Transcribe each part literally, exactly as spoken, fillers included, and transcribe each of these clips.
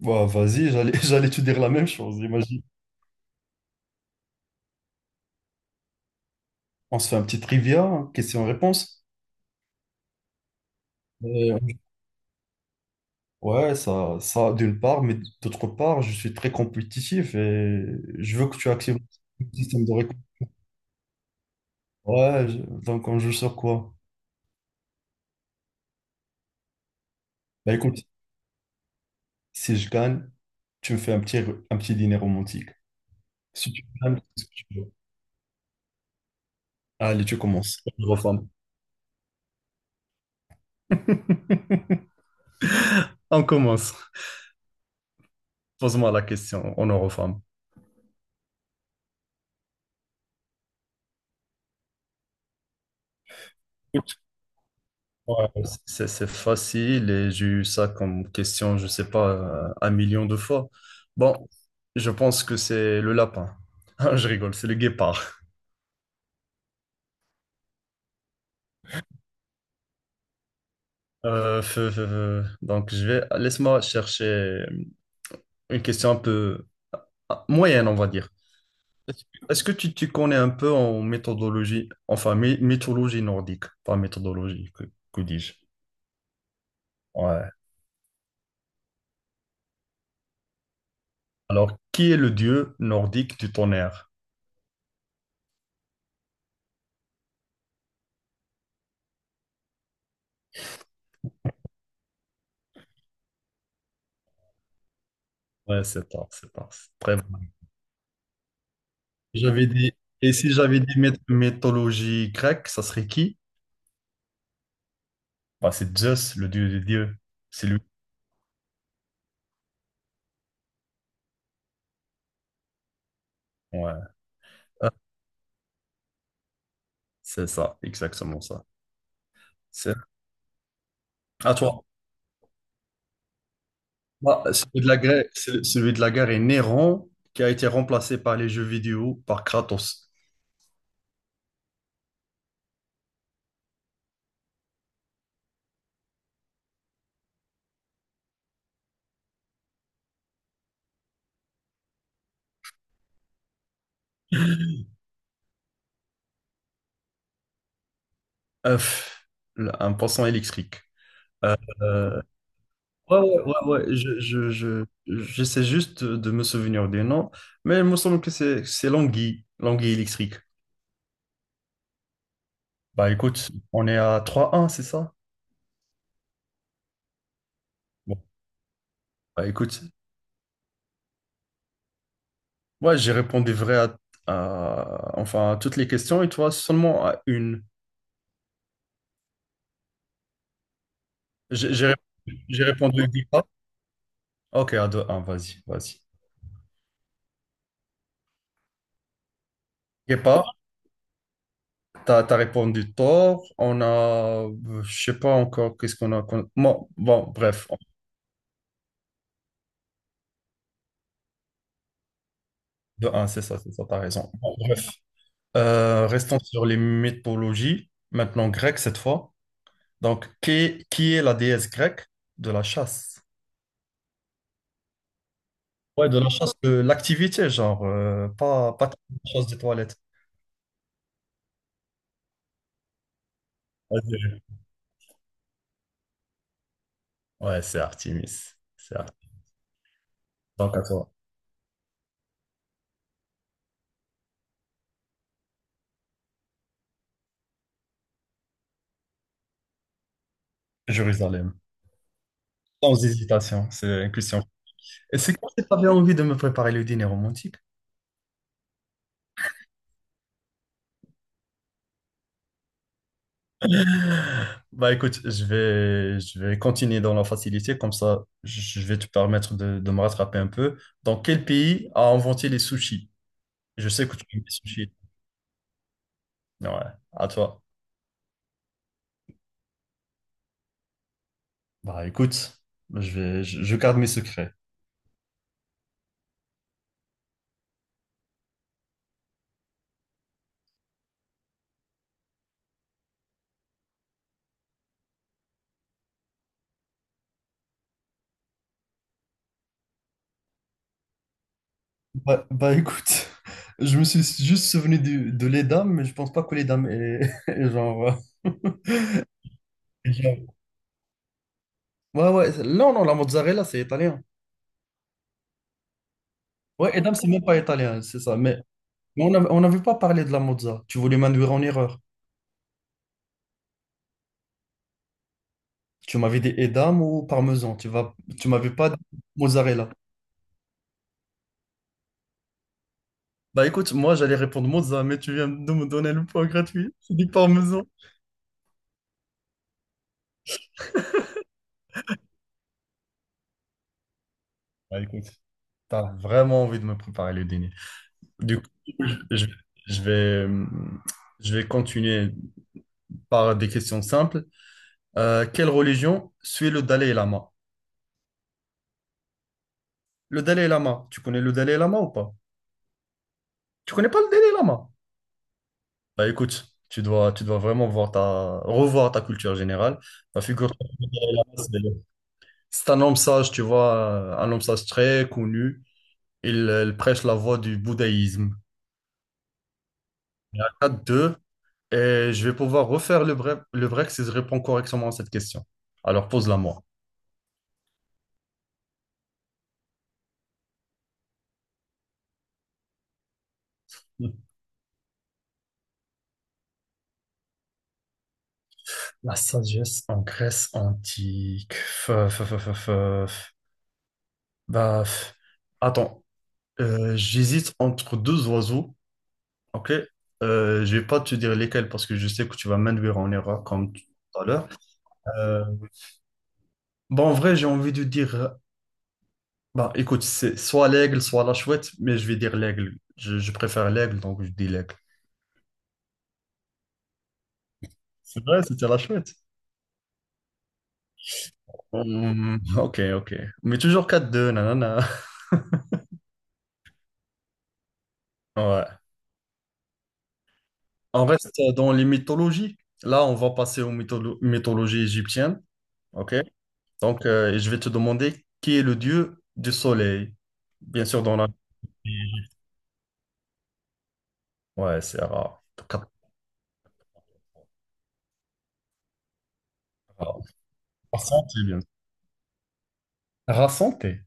Bah, vas-y, j'allais, j'allais te dire la même chose, imagine. On se fait un petit trivia, hein, question-réponse. Euh, ouais, ça, ça d'une part, mais d'autre part, je suis très compétitif et je veux que tu actives le système de récompense. Ouais, je- donc on joue sur quoi? Bah écoute, si je gagne, tu me fais un petit, un petit dîner romantique. Si tu gagnes, c'est ce que tu veux. Allez, tu commences. On referme. On commence. Pose-moi la question, on en refait. C'est c'est facile et j'ai eu ça comme question, je sais pas, euh, un million de fois. Bon, je pense que c'est le lapin. Ah, je rigole, c'est le guépard. Euh, feu, feu, feu. Donc, je vais... Laisse-moi chercher une question un peu ah, moyenne, on va dire. Est-ce que tu, tu connais un peu en méthodologie, enfin, my- mythologie nordique, pas méthodologie, que, que dis-je? Ouais. Alors, qui est le dieu nordique du tonnerre? Ouais, c'est tard, c'est tard. C'est très bon. J'avais dit, et si j'avais dit myth- mythologie grecque, ça serait qui? Bah, c'est Zeus, le dieu des dieux. C'est lui. Ouais. Ah, c'est ça, exactement ça. C'est à toi. Bah, celui de la guerre, c'est- celui de la guerre est Néron, qui a été remplacé par les jeux vidéo par Kratos. Euh, pff, le- un poisson électrique. Euh, ouais, ouais, ouais, ouais, je, je, je, j'essaie juste de me souvenir des noms, mais il me semble que c'est c'est l'anguille, l'anguille électrique. Bah écoute, on est à trois un, c'est ça? Bon, bah, écoute, moi j'ai répondu vrai à, à- enfin, à toutes les questions et toi seulement à une. J'ai j'ai répondu j'ai répondu Guépa. Ok, à deux, un, vas-y, vas-y. Guépa, t'as, t'as répondu tort. On a, euh, je sais pas encore qu'est-ce qu'on a. qu'on- Bon, bon, bref, de un, c'est ça, c'est ça, t'as raison. Bon, bref, Euh, restons sur les mythologies. Maintenant, grecque cette fois. Donc, qui, qui est la déesse grecque de la chasse? Ouais, de la chasse, de l'activité, genre, euh, pas, pas de la chasse des toilettes. Vas-y. Ouais, c'est Artemis. C'est Artemis. Donc à toi. Jérusalem. Sans hésitation, c'est une question. Et c'est quand tu avais envie de me préparer le dîner romantique? Bah écoute, je vais, je vais continuer dans la facilité, comme ça je je vais te permettre de, de me rattraper un peu. Dans quel pays a inventé les sushis? Je sais que tu aimes les sushis. Ouais, à toi. Bah écoute, je vais, je, je garde mes secrets. Bah, bah, écoute, je me suis juste souvenu du- de les dames, mais je pense pas que les dames est est genre. Euh, est genre- Ouais, ouais, c'est- non, non, la mozzarella, c'est italien. Ouais, et dames, c'est même pas italien, c'est ça. Mais mais on n'avait on n'avait pas parlé de la mozza. Tu voulais m'induire en erreur. Tu m'avais dit edam ou parmesan. Tu vas, tu m'avais pas dit mozzarella. Bah écoute, moi j'allais répondre mozza, mais tu viens de me donner le point gratuit. C'est du parmesan. Bah écoute, t'as vraiment envie de me préparer le dîner. Du coup, je, je vais, euh, je vais continuer par des questions simples. Euh, quelle religion suit le Dalai Lama? Le Dalai Lama, tu connais le Dalai Lama ou pas? Tu connais pas le Dalai Lama? Bah écoute, tu dois, tu dois vraiment voir ta, revoir ta culture générale. Bah, figure-toi que le Dalai Lama, c'est c'est un homme sage, tu vois, un homme sage très connu. Il, euh, il prêche la voie du bouddhisme. quatre deux, et je vais pouvoir refaire le break, le break si je réponds correctement à cette question. Alors pose-la moi. La sagesse en Grèce antique. Fe- fe- fe- fe- fe- fe- Bah, f- Attends, Euh, j'hésite entre deux oiseaux, ok? Euh, je vais pas te dire lesquels parce que je sais que tu vas m'induire en erreur comme tu- tout à l'heure. Euh, bah, en vrai, j'ai envie de dire, euh, bah, écoute, c'est soit l'aigle, soit la chouette, mais je vais dire l'aigle. Je, je préfère l'aigle, donc je dis l'aigle. C'est vrai, c'était la chouette. Hum, ok, ok. Mais toujours quatre deux, nanana. Ouais. On reste dans les mythologies. Là, on va passer aux mytholo- mythologies égyptiennes. OK? Donc, euh, et je vais te demander qui est le dieu du soleil. Bien sûr, dans la... Ouais, c'est Ra. Ra Santé, bien sûr. Ra Santé.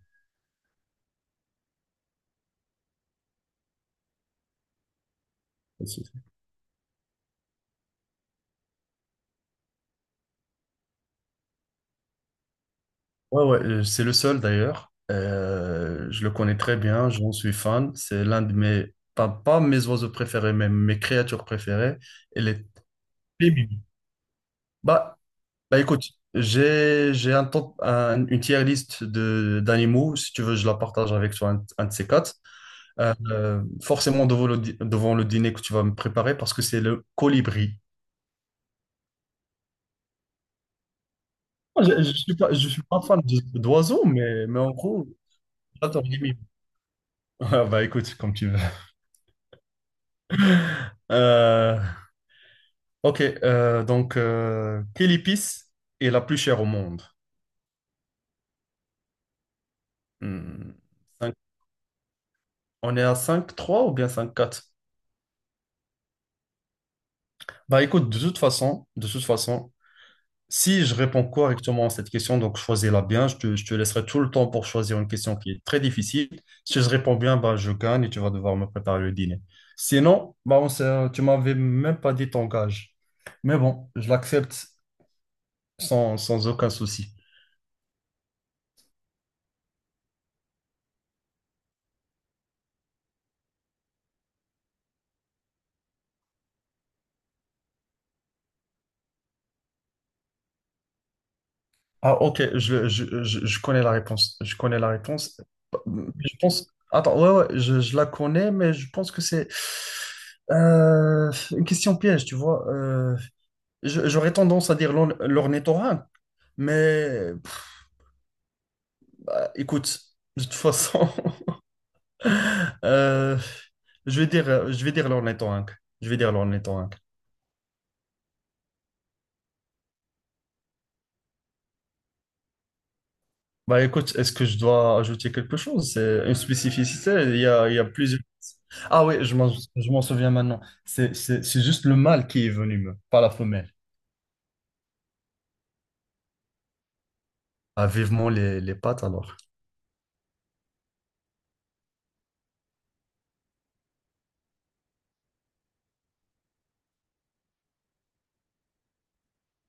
Ouais, ouais, euh, c'est le seul d'ailleurs. Euh, je le connais très bien, j'en suis fan. C'est l'un de mes, pas, pas mes oiseaux préférés, mais mes créatures préférées. Elle est très mimi. Bah, Bah écoute, j'ai j'ai un temps un- une tier list de d'animaux. Si tu veux, je la partage avec toi, un, un de ces quatre. Euh, euh, forcément devant le, di- devant le dîner que tu vas me préparer parce que c'est le colibri. Moi, Je, je suis pas, je suis pas fan de- d'oiseaux, mais, mais en gros, j'adore les mimes. Ah, bah écoute, comme tu veux. Euh, ok, euh, donc euh, quelle épice est la plus chère au monde? Hmm, cinq- on est à cinq trois ou bien cinq quatre. Bah écoute, de toute façon, de toute façon. Si je réponds correctement à cette question, donc choisis-la bien. Je te, je te laisserai tout le temps pour choisir une question qui est très difficile. Si je réponds bien, bah, je gagne et tu vas devoir me préparer le dîner. Sinon, bah, on s'est- tu m'avais même pas dit ton gage. Mais bon, je l'accepte sans, sans aucun souci. Ah, ok, je, je, je, je connais la réponse. Je connais la réponse. Je pense. Attends, ouais, ouais, je, je la connais, mais je pense que c'est euh, une question piège, tu vois. Euh, je- j'aurais tendance à dire l'orn- l'ornithorynque, mais pff, bah, écoute, de toute façon, euh, je vais dire, je vais dire l'ornithorynque. Je vais dire l'ornithorynque. Bah écoute, est-ce que je dois ajouter quelque chose? C'est une spécificité, il y a, il y a plusieurs. Ah oui, je m'en je m'en souviens maintenant. C'est c'est- c'est juste le mâle qui est venu, me- pas la femelle. Ah, vivement les, les pattes alors.